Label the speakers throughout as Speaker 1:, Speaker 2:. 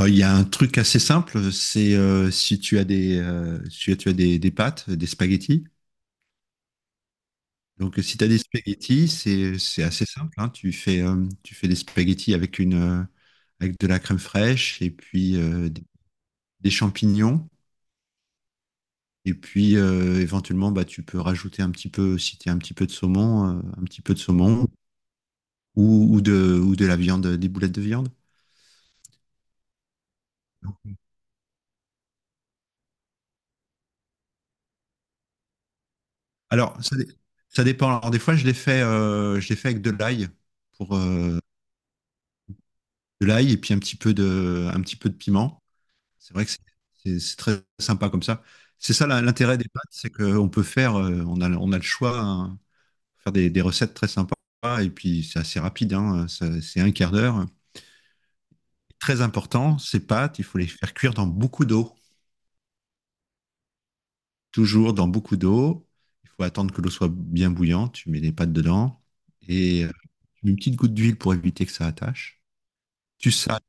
Speaker 1: Il y a un truc assez simple, c'est si tu as si tu as des pâtes, des spaghettis. Donc, si tu as des spaghettis, c'est assez simple, hein. Tu tu fais des spaghettis avec une, avec de la crème fraîche et puis des champignons. Et puis, éventuellement, bah, tu peux rajouter un petit peu, si tu as un petit peu de saumon, un petit peu de saumon ou ou de la viande, des boulettes de viande. Alors, ça dépend. Alors, des fois, je l'ai je l'ai fait avec de l'ail pour, euh, de l'ail et puis un petit peu un petit peu de piment. C'est vrai que c'est- c'est très sympa comme ça. C'est ça l'intérêt des pâtes, c'est qu'on peut faire, on on a le choix, hein, faire des recettes très sympas et puis c'est assez rapide, hein, c'est un quart d'heure. Très important, ces pâtes, il faut les faire cuire dans beaucoup d'eau, toujours dans beaucoup d'eau. Il faut attendre que l'eau soit bien bouillante, tu mets les pâtes dedans et tu mets une petite goutte d'huile pour éviter que ça attache. Tu sales,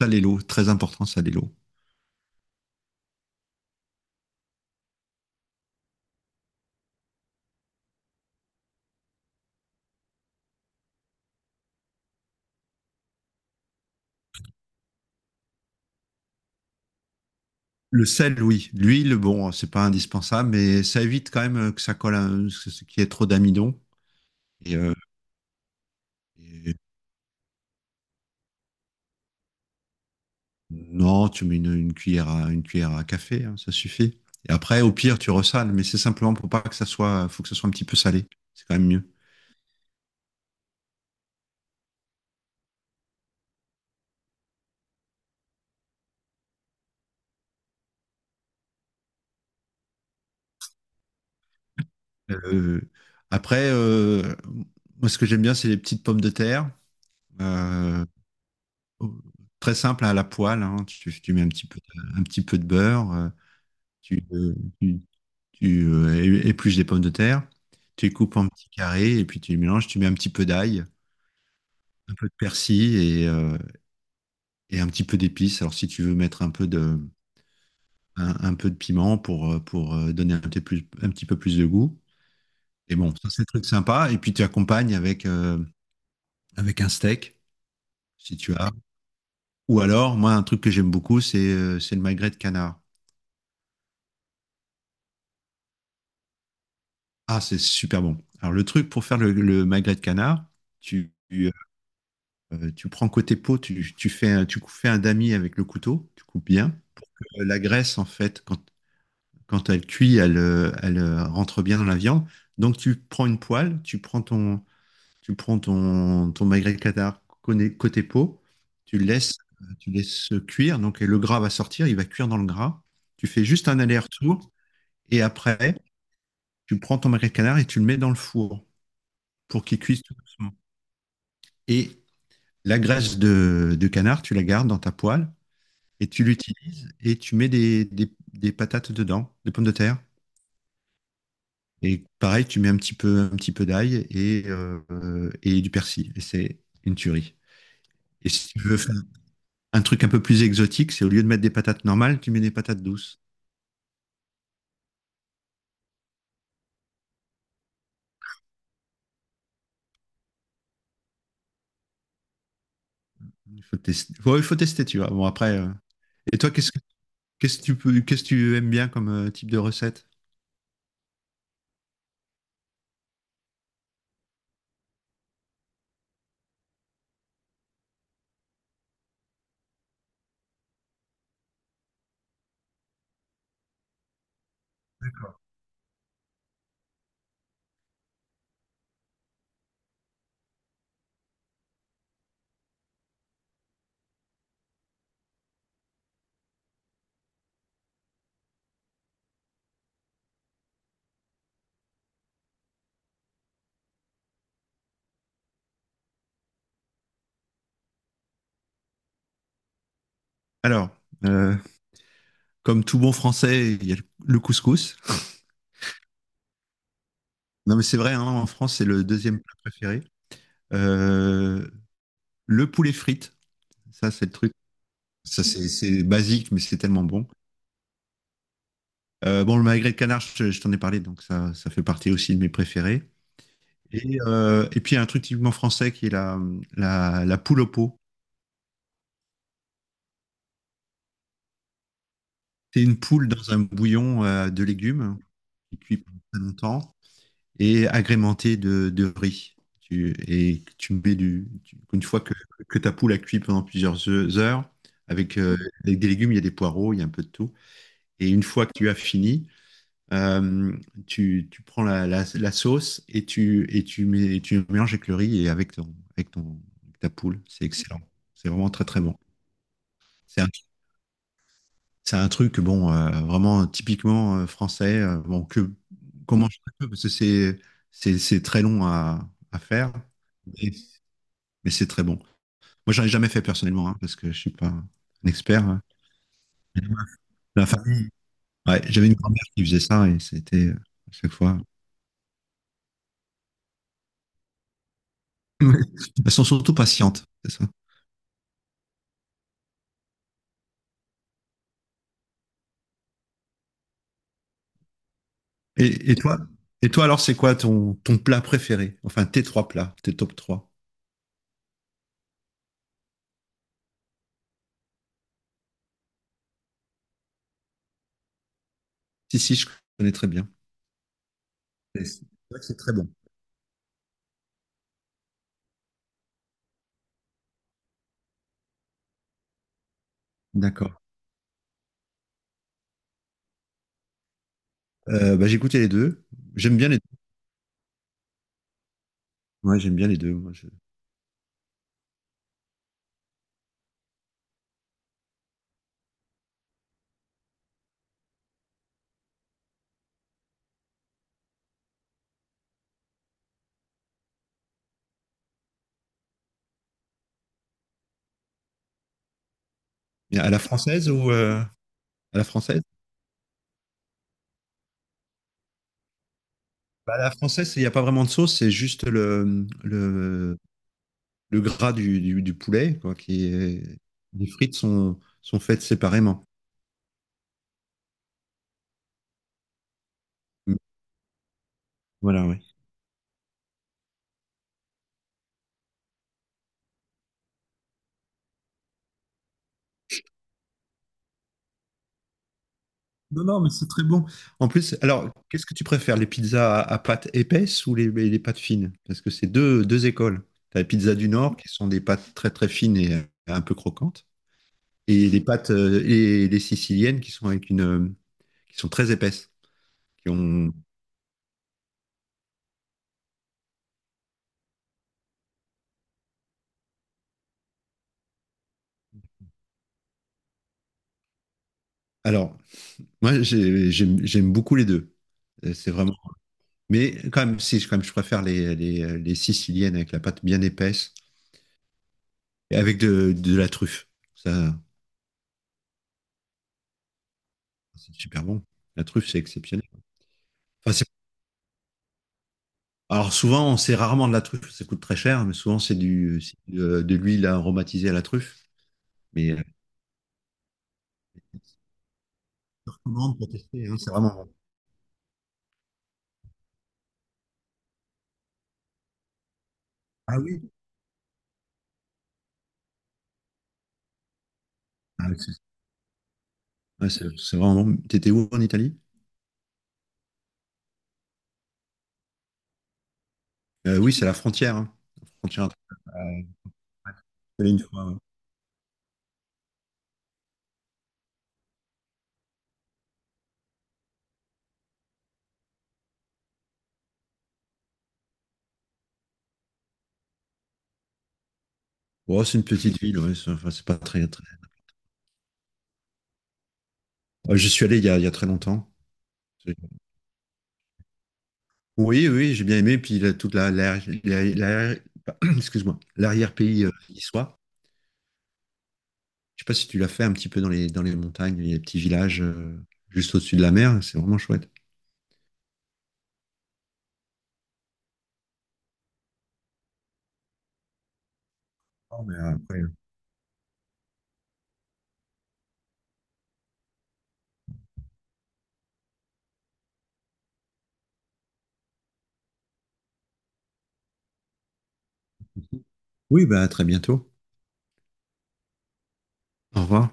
Speaker 1: saler l'eau, très important, saler l'eau. Le sel, oui. L'huile, bon, c'est pas indispensable, mais ça évite quand même que ça colle, ce qu'il y ait trop d'amidon. Et, et- non, tu mets une cuillère à café, hein, ça suffit. Et après, au pire, tu ressales, mais c'est simplement pour pas que ça soit, faut que ça soit un petit peu salé. C'est quand même mieux. Euh, après, euh, Moi, ce que j'aime bien, c'est les petites pommes de terre. Euh, oh, Très simple à la poêle, hein. Tu mets un petit peu, un petit peu de beurre, tu, euh, tu, tu, euh, épluches des pommes de terre, tu les coupes en petits carrés et puis tu les mélanges. Tu mets un petit peu d'ail, un peu de persil et un petit peu d'épices. Alors si tu veux mettre un peu un peu de piment pour, donner un petit, plus, un petit peu plus de goût. Et bon, ça c'est un truc sympa. Et puis tu accompagnes avec, avec un steak, si tu as. Ou alors, moi, un truc que j'aime beaucoup, c'est le magret de canard. Ah, c'est super bon. Alors, le truc pour faire le magret de canard, tu, tu, tu prends côté peau, tu fais fais un damier avec le couteau, tu coupes bien. La graisse, en fait, quand elle cuit, elle, elle rentre bien dans la viande. Donc, tu prends une poêle, tu prends tu prends ton magret de canard côté peau, tu le laisses, tu laisses cuire. Donc, et le gras va sortir, il va cuire dans le gras. Tu fais juste un aller-retour et après, tu prends ton magret de canard et tu le mets dans le four pour qu'il cuise tout doucement. Et la graisse de canard, tu la gardes dans ta poêle et tu l'utilises et tu mets des patates dedans, des pommes de terre. Et pareil, tu mets un petit peu d'ail et du persil. Et c'est une tuerie. Et si tu veux faire un truc un peu plus exotique, c'est au lieu de mettre des patates normales, tu mets des patates douces. Il faut tester, ouais, il faut tester tu vois. Bon, après, et toi, qu'est-ce que tu peux, qu'est-ce que tu aimes bien comme type de recette? Alors, euh, comme tout bon français, il y a le couscous. Non, mais c'est vrai, hein, en France, c'est le deuxième plat préféré. Euh, le poulet frites, ça, c'est le truc. Ça, c'est basique, mais c'est tellement bon. Bon, le magret de canard, je t'en ai parlé, donc ça fait partie aussi de mes préférés. Et puis, il y a un truc typiquement français qui est la poule au pot. C'est une poule dans un bouillon de légumes qui cuit pendant très longtemps, et agrémenté de riz. Tu mets une fois que ta poule a cuit pendant plusieurs heures, avec, avec des légumes, il y a des poireaux, il y a un peu de tout. Et une fois que tu as fini, euh, tu prends la sauce et et tu mets, tu mélanges avec le riz et avec ta poule. C'est excellent. C'est vraiment très, très bon. C'est un truc, bon, vraiment typiquement français, bon, que, comment je fais parce que c'est, c'est très long à faire, mais, mais c'est très bon. Moi, j'en ai jamais fait personnellement, hein, parce que je suis pas un expert, hein. Mais la famille, ouais, j'avais une grand-mère qui faisait ça et c'était à chaque fois. Ouais. Elles sont surtout patientes, c'est ça. Et, et toi, et toi alors, c'est quoi ton plat préféré? Enfin, tes trois plats, tes top 3. Si, si, je connais très bien. C'est vrai que c'est très bon. D'accord. Bah, j'écoutais les deux. J'aime bien les deux. Ouais, j'aime bien les deux. Et à la française ou à la française? Bah, à la française, il n'y a pas vraiment de sauce, c'est juste le gras du poulet, quoi, qui est... Les frites sont, sont faites séparément. Voilà, oui. Non, non, mais c'est très bon. En plus, alors, qu'est-ce que tu préfères, les pizzas à pâte épaisse ou les pâtes fines? Parce que c'est deux écoles. Tu as les pizzas du Nord qui sont des pâtes très très fines et un peu croquantes, et les pâtes et les siciliennes qui sont avec une qui sont très épaisses, qui ont, alors j'aime beaucoup les deux. C'est vraiment, mais quand même si quand même je préfère les siciliennes avec la pâte bien épaisse et avec de la truffe, ça c'est super bon, la truffe c'est exceptionnel. Enfin, c'est- alors souvent c'est rarement de la truffe, ça coûte très cher, mais souvent c'est du c'est de l'huile aromatisée à la truffe, mais je recommande pour tester, hein, c'est vraiment bon. Ah oui. Ah, ouais, c'est vraiment. T'étais où en Italie? Oui, c'est la frontière, hein. La frontière, euh, c'est une fois, ouais. Oh, c'est une petite ville, ouais, c'est enfin, c'est pas très, très... J'y suis allé il y a très longtemps. C'est- oui, oui, j'ai bien aimé. Puis là, toute la, l'arrière- l'arrière- l'arrière- excuse-moi, l'arrière-pays niçois. Je sais pas si tu l'as fait un petit peu dans dans les montagnes, les petits villages juste au-dessus de la mer. C'est vraiment chouette. Oh, mais, après, ouais. Oui, bah, à très bientôt. Au revoir.